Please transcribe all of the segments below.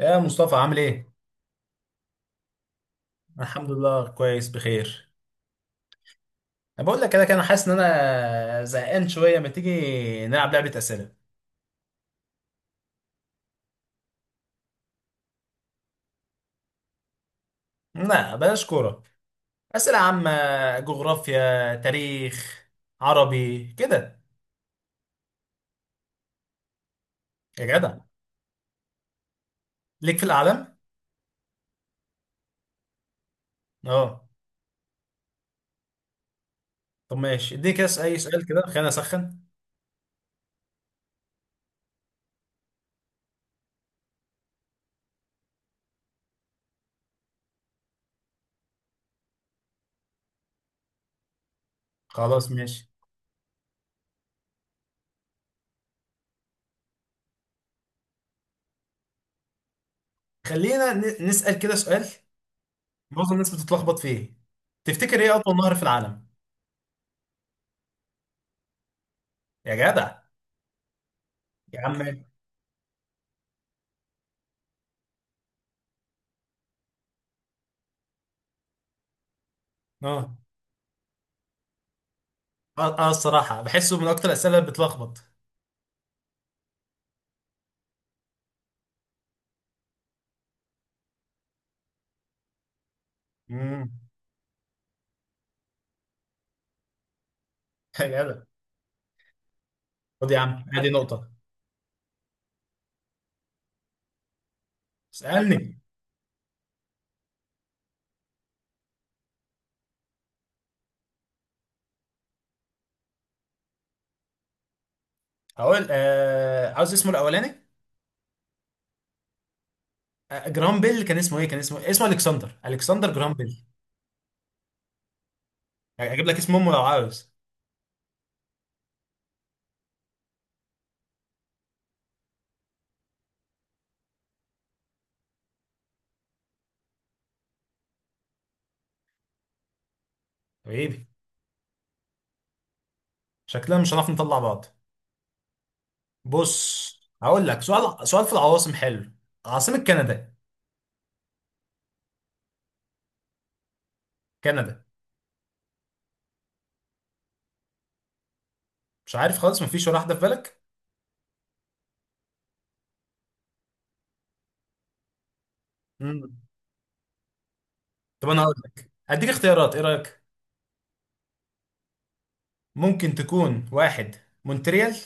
يا مصطفى، عامل ايه؟ الحمد لله، كويس بخير. انا بقول لك كده كده، انا حاسس ان انا زهقان شويه. ما تيجي نلعب لعبه اسئله؟ لا بلاش كوره، اسئله عامه. جغرافيا، تاريخ، عربي كده. يا جدع، ليك في الاعلام. اه. طب ماشي، اديني كده اي سؤال كده، خلينا اسخن. خلاص ماشي. خلينا نسال كده سؤال معظم الناس بتتلخبط فيه. تفتكر ايه اطول نهر في العالم؟ يا جدع. يا عم. اه اه، الصراحه بحسه من اكتر الاسئله اللي بتلخبط. امم يا جدع. خد يا عم، ادي نقطة. اسألني. هقول عاوز اسمه الأولاني. جرام بيل، كان اسمه ايه؟ كان اسمه، اسمه الكسندر. الكسندر جرام بيل. اجيب لك اسم امه لو عاوز؟ حبيبي، شكلنا مش هنعرف نطلع بعض. بص، هقول لك سؤال، سؤال في العواصم حلو. عاصمة كندا؟ كندا. مش عارف خالص؟ مفيش ولا واحدة في بالك؟ امم طب انا هقول لك، هديك اختيارات، ايه رأيك؟ ممكن تكون واحد، مونتريال.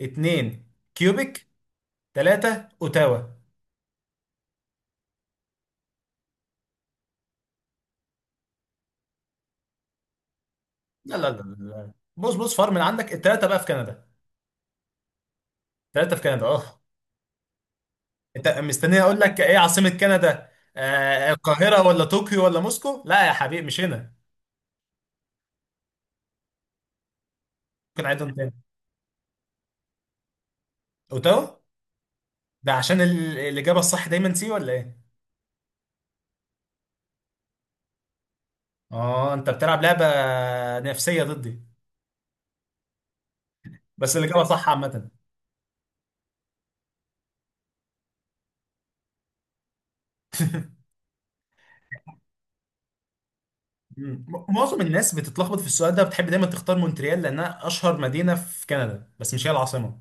اتنين، كيوبيك. تلاتة، اوتاوا. لا لا لا لا. بص بص، فار من عندك التلاتة بقى في كندا. التلاتة في كندا، اه. انت مستني اقول لك ايه عاصمة كندا؟ القاهرة ولا طوكيو ولا موسكو؟ لا يا حبيبي، مش هنا. ممكن اعيدهم تاني؟ اوتاوا. ده عشان الإجابة الصح دايما سي ولا ايه؟ اه انت بتلعب لعبة نفسية ضدي. بس الإجابة صح عامة. مم. معظم الناس بتتلخبط في السؤال ده، بتحب دايما تختار مونتريال لأنها أشهر مدينة في كندا، بس مش هي العاصمة.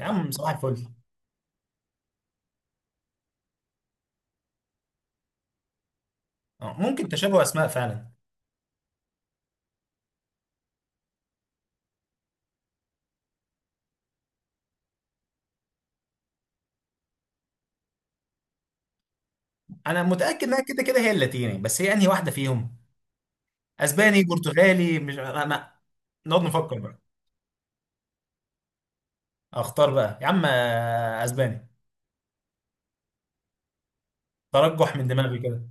يا عم، صباح الفل. ممكن تشابه أسماء فعلا. انا متاكد انها كده كده هي اللاتيني، بس هي انهي واحده فيهم؟ اسباني، برتغالي، مش انا. نقعد نفكر بقى. اختار بقى يا عم، اسباني. ترجح من دماغي كده.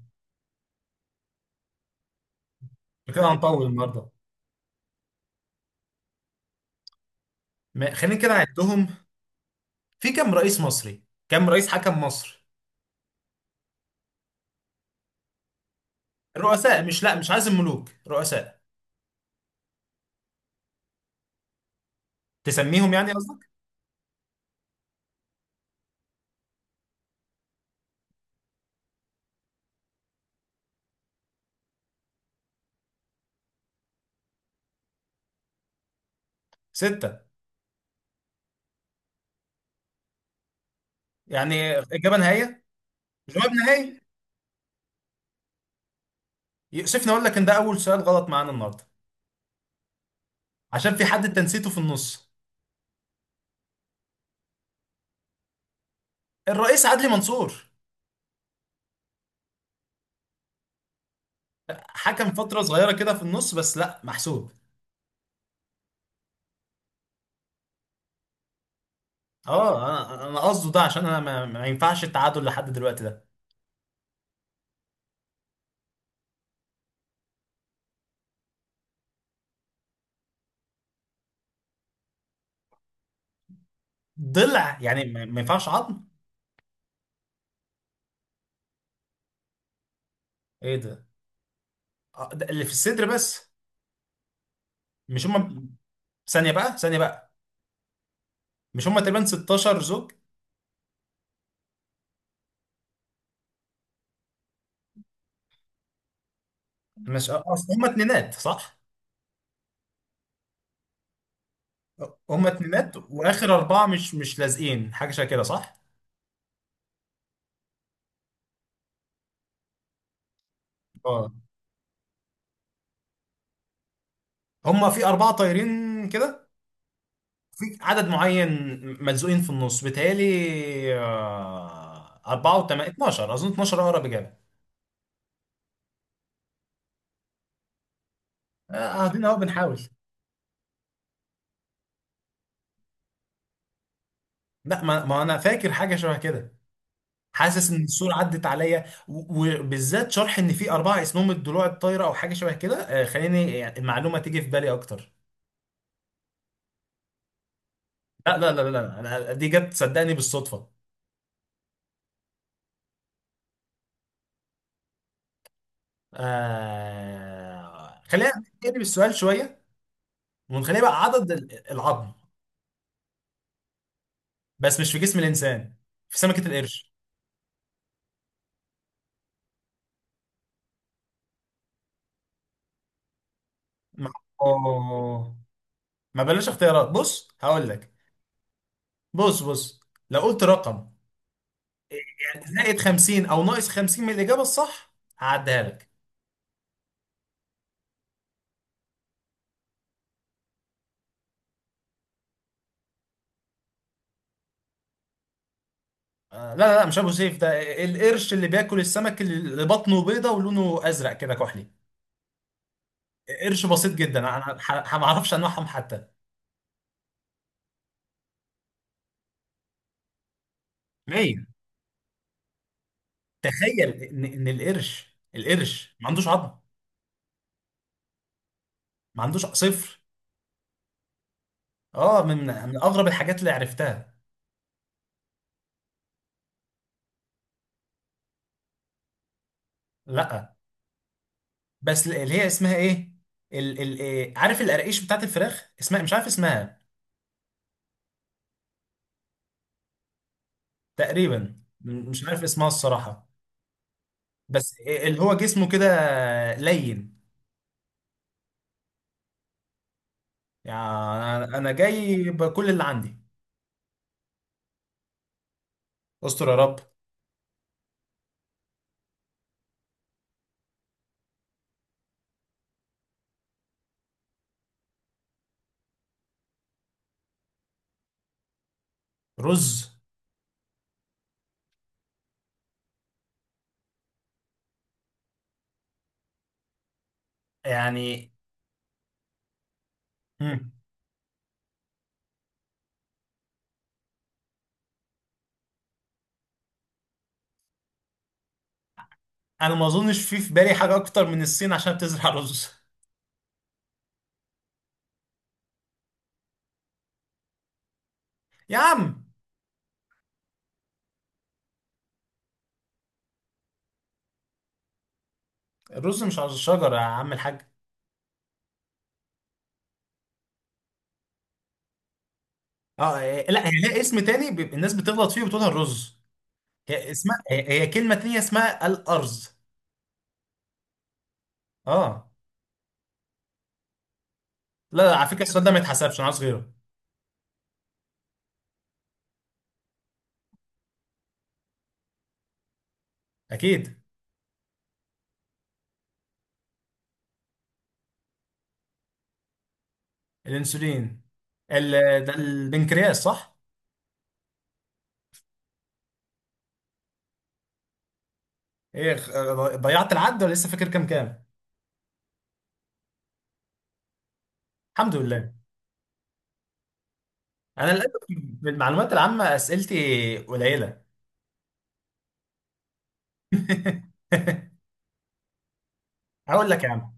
كده هنطول النهارده. خلينا كده نعدهم. في كام رئيس مصري؟ كام رئيس حكم مصر؟ رؤساء، مش، لا، مش عايز الملوك، رؤساء. تسميهم يعني قصدك. ستة. يعني إجابة نهائية؟ جواب نهائي. يؤسفني أقول لك إن ده أول سؤال غلط معانا النهاردة. عشان في حد أنت نسيته في النص. الرئيس عدلي منصور. حكم فترة صغيرة كده في النص، بس لا، محسوب. اه، انا قصده ده عشان انا ما ينفعش التعادل لحد دلوقتي ده. ضلع يعني، ما ينفعش عظم. ايه ده؟ ده اللي في الصدر بس. مش هم. ثانية بقى، ثانية بقى. مش هم تقريبا 16 زوج؟ مش، اصل هم اتنينات صح؟ هم اتنينات واخر اربعة مش لازقين، حاجة شبه كده صح؟ اه هم في اربعة طايرين كده. في عدد معين ملزوقين في النص بيتهيألي. أربعة وتمانية 12، أظن 12 أقرب إجابة. قاعدين أهو بنحاول. لا ما أنا فاكر حاجة شبه كده. حاسس إن الصورة عدت عليا وبالذات شرح إن في أربعة اسمهم الضلوع الطايرة أو حاجة شبه كده. خليني يعني المعلومة تيجي في بالي أكتر. لا لا لا لا لا، أنا دي جت صدقني بالصدفة. خلينا نقلب السؤال شوية، ونخليه بقى عدد العظم. بس مش في جسم الإنسان، في سمكة القرش. ما أوه. ما بلاش اختيارات، بص هقول لك. بص بص، لو قلت رقم يعني زائد 50 او ناقص 50 من الاجابه الصح هعديها لك. لا لا لا، مش ابو سيف ده. القرش اللي بياكل السمك، اللي بطنه بيضه ولونه ازرق كده كحلي. قرش بسيط جدا، انا ما اعرفش انواعهم حتى. 100. تخيل ان القرش ما عندوش عظم. ما عندوش، صفر. اه، من اغرب الحاجات اللي عرفتها. لا، بس اللي هي اسمها ايه؟ ال إيه؟ عارف القراقيش بتاعت الفراخ، اسمها مش عارف اسمها. تقريبا، مش عارف اسمها الصراحة. بس إيه اللي هو جسمه كده، لين. يعني انا جاي بكل اللي عندي. استر يا رب. رز يعني. مم. انا ما اظنش في بالي حاجة اكتر من الصين عشان بتزرع رز. يا عم، الرز مش على الشجرة يا عم الحاج. اه إيه، لا هي لها اسم تاني، بيبقى الناس بتغلط فيه وبتقولها الرز. هي اسمها، هي كلمة تانية اسمها الأرز. اه. لا لا، على فكره السؤال ده ما يتحسبش، انا عاوز غيره. اكيد. الانسولين. ال... ده البنكرياس صح؟ ايه ضيعت العد ولا لسه فاكر كام الحمد لله. انا للاسف بالمعلومات العامه اسئلتي قليله. هقول لك يا عم.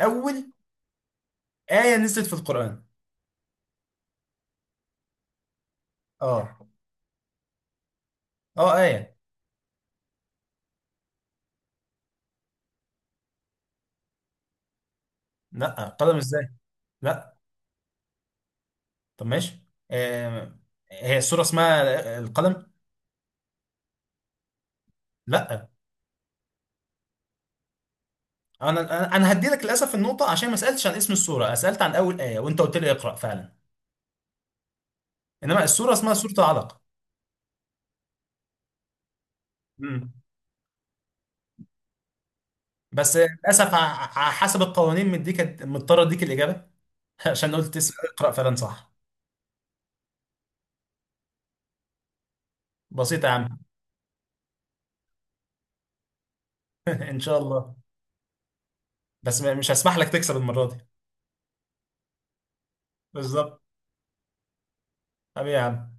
اول ايه نزلت في القران؟ اه. اه ايه، لا قلم ازاي؟ لا طب ماشي، آه. هي السوره اسمها القلم؟ لا. انا هدي لك للاسف النقطه عشان ما سالتش عن اسم السوره، سالت عن اول ايه وانت قلت لي اقرا فعلا. انما الصوره اسمها صوره علق. امم بس للاسف حسب القوانين مديك، مضطر اديك الاجابه. عشان قلت تسال اقرا فلان صح. بسيطه يا عم. ان شاء الله. بس مش هسمح لك تكسب المره دي. بالظبط. حبيبي يا عم.